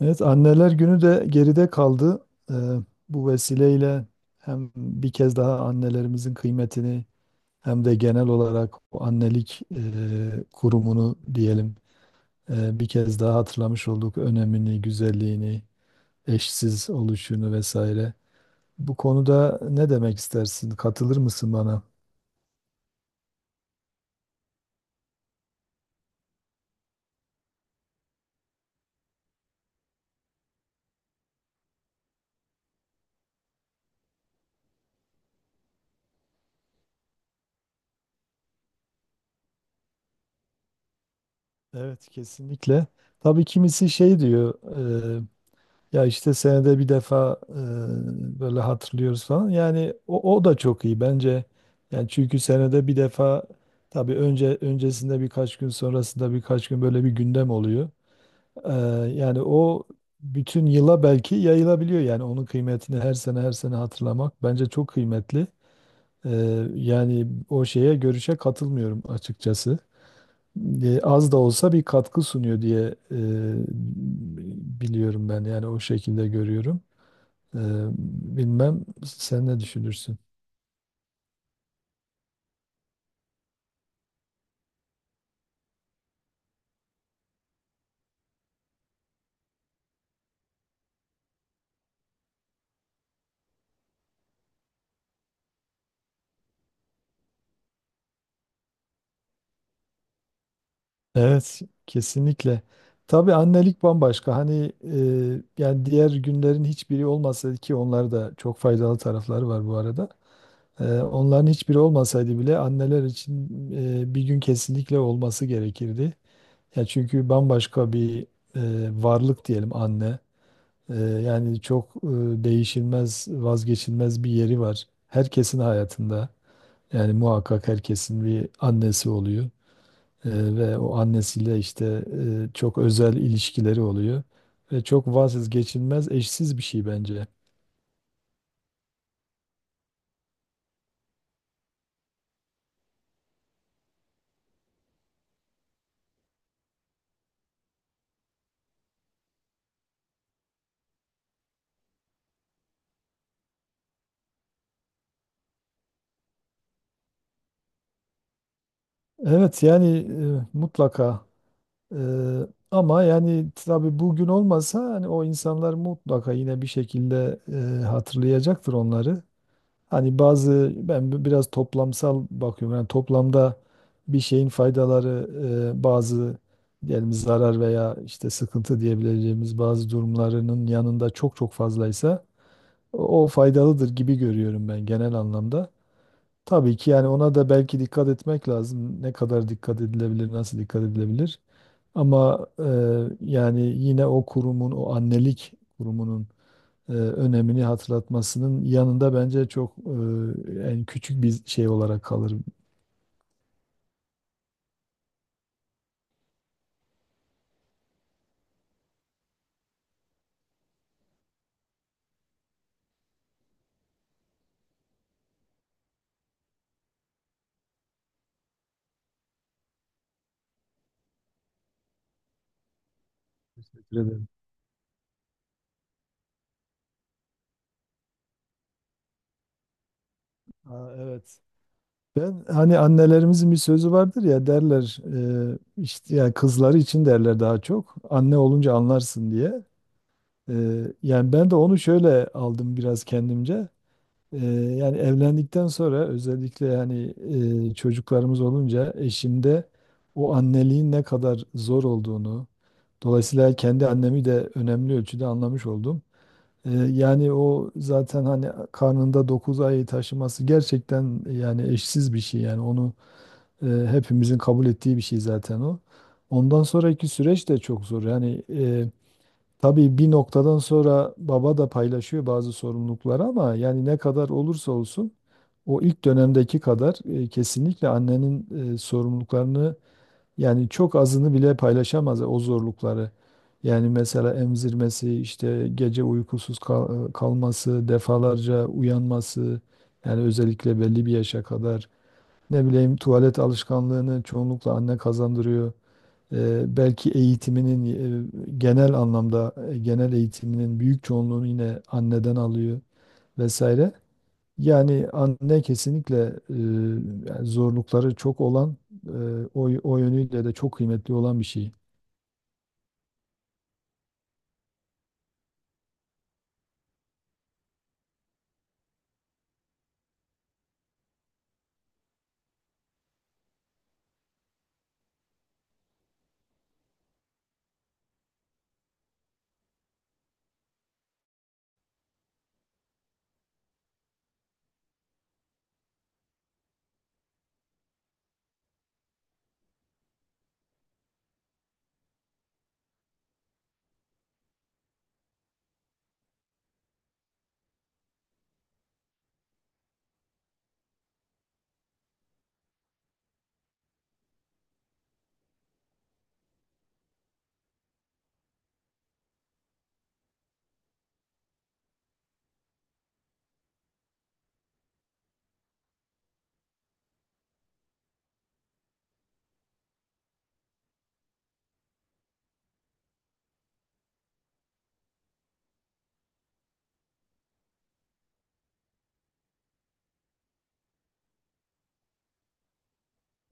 Evet, Anneler Günü de geride kaldı. Ee, bu vesileyle hem bir kez daha annelerimizin kıymetini hem de genel olarak o annelik kurumunu diyelim bir kez daha hatırlamış olduk. Önemini, güzelliğini, eşsiz oluşunu vesaire. Bu konuda ne demek istersin? Katılır mısın bana? Evet, kesinlikle. Tabii kimisi şey diyor, e, ya işte senede bir defa böyle hatırlıyoruz falan. Yani o da çok iyi bence. Yani çünkü senede bir defa tabii öncesinde birkaç gün sonrasında birkaç gün böyle bir gündem oluyor. E, yani o bütün yıla belki yayılabiliyor, yani onun kıymetini her sene hatırlamak bence çok kıymetli. E, yani o şeye, görüşe katılmıyorum açıkçası. Az da olsa bir katkı sunuyor diye e, biliyorum, ben yani o şekilde görüyorum. Ee, bilmem sen ne düşünürsün? Evet, kesinlikle. Tabii annelik bambaşka. Hani yani diğer günlerin hiçbiri olmasaydı, ki onlar da çok faydalı tarafları var bu arada. Onların hiçbiri olmasaydı bile anneler için bir gün kesinlikle olması gerekirdi. Ya çünkü bambaşka bir varlık diyelim anne. Yani çok değişilmez, vazgeçilmez bir yeri var herkesin hayatında. Yani muhakkak herkesin bir annesi oluyor, ve o annesiyle işte çok özel ilişkileri oluyor ve çok vazgeçilmez, eşsiz bir şey bence. Evet yani mutlaka, ama yani tabii bugün olmasa hani o insanlar mutlaka yine bir şekilde hatırlayacaktır onları. Hani bazı, ben biraz toplamsal bakıyorum. Yani toplamda bir şeyin faydaları bazı diyelim zarar veya işte sıkıntı diyebileceğimiz bazı durumlarının yanında çok çok fazlaysa o faydalıdır gibi görüyorum ben genel anlamda. Tabii ki yani ona da belki dikkat etmek lazım. Ne kadar dikkat edilebilir, nasıl dikkat edilebilir? Ama yani yine o kurumun, o annelik kurumunun önemini hatırlatmasının yanında bence çok en küçük bir şey olarak kalır. Teşekkür ederim. Aa, evet. Ben hani annelerimizin bir sözü vardır ya, derler işte yani kızları için derler, daha çok anne olunca anlarsın diye. E, yani ben de onu şöyle aldım biraz kendimce. Ee, yani evlendikten sonra özellikle hani çocuklarımız olunca eşimde o anneliğin ne kadar zor olduğunu, dolayısıyla kendi annemi de önemli ölçüde anlamış oldum. Yani o zaten hani karnında 9 ayı taşıması gerçekten yani eşsiz bir şey, yani onu hepimizin kabul ettiği bir şey zaten o. Ondan sonraki süreç de çok zor. Yani tabii bir noktadan sonra baba da paylaşıyor bazı sorumlulukları, ama yani ne kadar olursa olsun o ilk dönemdeki kadar kesinlikle annenin sorumluluklarını, yani çok azını bile paylaşamaz o zorlukları. Yani mesela emzirmesi, işte gece kalması, defalarca uyanması, yani özellikle belli bir yaşa kadar ne bileyim tuvalet alışkanlığını çoğunlukla anne kazandırıyor. Belki eğitiminin genel eğitiminin büyük çoğunluğunu yine anneden alıyor vesaire. Yani anne kesinlikle e, yani zorlukları çok olan, e, o yönüyle de çok kıymetli olan bir şey.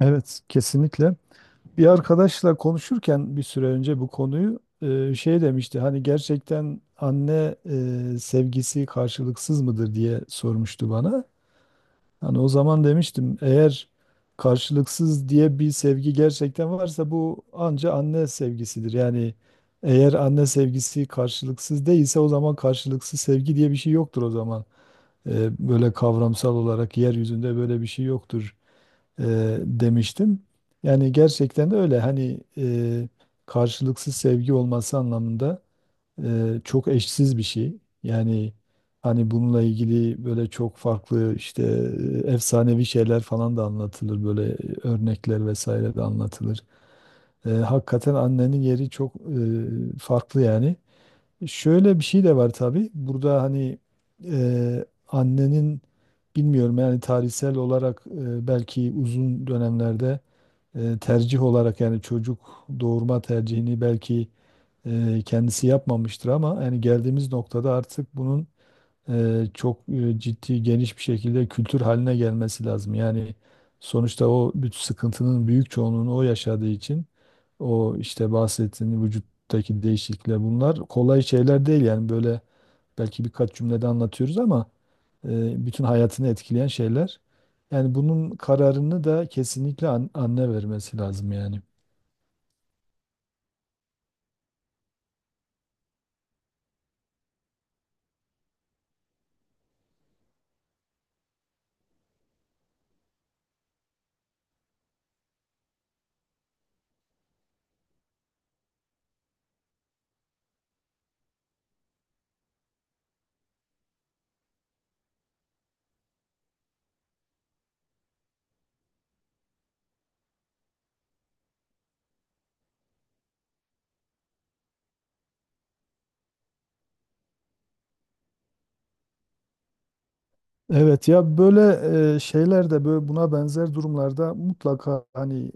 Evet, kesinlikle. Bir arkadaşla konuşurken bir süre önce bu konuyu, şey demişti. Hani gerçekten anne sevgisi karşılıksız mıdır diye sormuştu bana. Hani o zaman demiştim, eğer karşılıksız diye bir sevgi gerçekten varsa bu anca anne sevgisidir. Yani eğer anne sevgisi karşılıksız değilse o zaman karşılıksız sevgi diye bir şey yoktur o zaman. Böyle kavramsal olarak yeryüzünde böyle bir şey yoktur e, demiştim. Yani gerçekten de öyle, hani karşılıksız sevgi olması anlamında çok eşsiz bir şey. Yani hani bununla ilgili böyle çok farklı, işte efsanevi şeyler falan da anlatılır. Böyle örnekler vesaire de anlatılır. Hakikaten annenin yeri çok farklı yani. Şöyle bir şey de var tabii. Burada hani annenin, bilmiyorum yani tarihsel olarak belki uzun dönemlerde tercih olarak, yani çocuk doğurma tercihini belki kendisi yapmamıştır, ama yani geldiğimiz noktada artık bunun ciddi geniş bir şekilde kültür haline gelmesi lazım. Yani sonuçta o bütün sıkıntının büyük çoğunluğunu o yaşadığı için, o işte bahsettiğin vücuttaki değişiklikler, bunlar kolay şeyler değil yani, böyle belki birkaç cümlede anlatıyoruz ama bütün hayatını etkileyen şeyler. Yani bunun kararını da kesinlikle anne vermesi lazım yani. Evet, ya böyle şeyler de, böyle buna benzer durumlarda mutlaka hani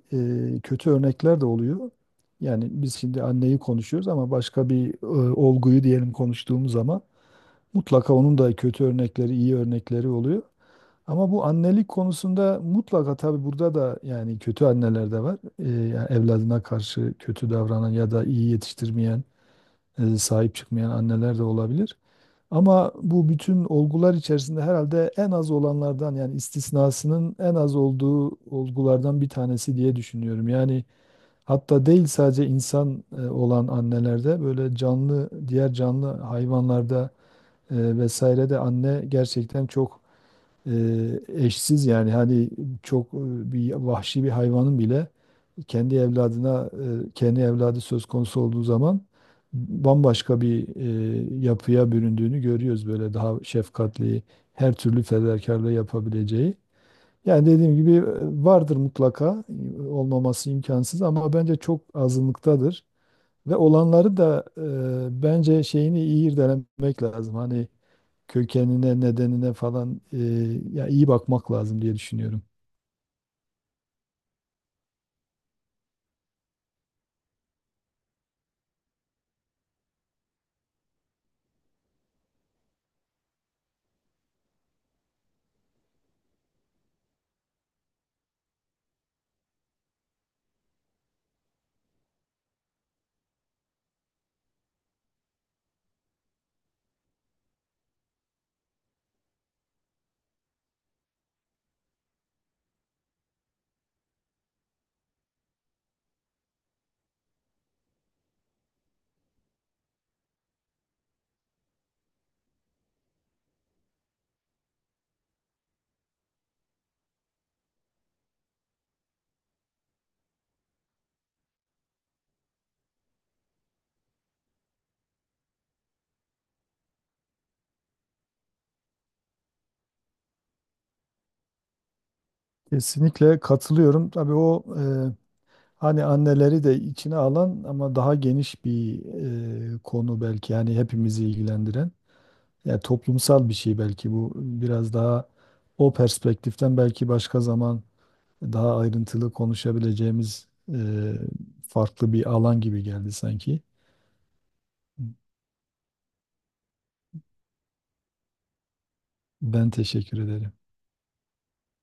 kötü örnekler de oluyor. Yani biz şimdi anneyi konuşuyoruz ama başka bir olguyu diyelim konuştuğumuz zaman mutlaka onun da kötü örnekleri, iyi örnekleri oluyor. Ama bu annelik konusunda mutlaka, tabii burada da yani kötü anneler de var. Yani evladına karşı kötü davranan ya da iyi yetiştirmeyen, sahip çıkmayan anneler de olabilir. Ama bu bütün olgular içerisinde herhalde en az olanlardan, yani istisnasının en az olduğu olgulardan bir tanesi diye düşünüyorum. Yani hatta değil sadece insan olan annelerde, böyle canlı, diğer canlı hayvanlarda vesaire de anne gerçekten çok eşsiz, yani hani çok bir vahşi bir hayvanın bile kendi evladına kendi evladı söz konusu olduğu zaman bambaşka bir yapıya büründüğünü görüyoruz, böyle daha şefkatli her türlü fedakarlığı yapabileceği. Yani dediğim gibi vardır mutlaka, olmaması imkansız ama bence çok azınlıktadır ve olanları da bence şeyini iyi irdelemek lazım. Hani kökenine, nedenine falan ya iyi bakmak lazım diye düşünüyorum. Kesinlikle katılıyorum. Tabii o hani anneleri de içine alan ama daha geniş bir konu belki, yani hepimizi ilgilendiren. Ya toplumsal bir şey belki bu, biraz daha o perspektiften belki başka zaman daha ayrıntılı konuşabileceğimiz e, farklı bir alan gibi geldi sanki. Ben teşekkür ederim.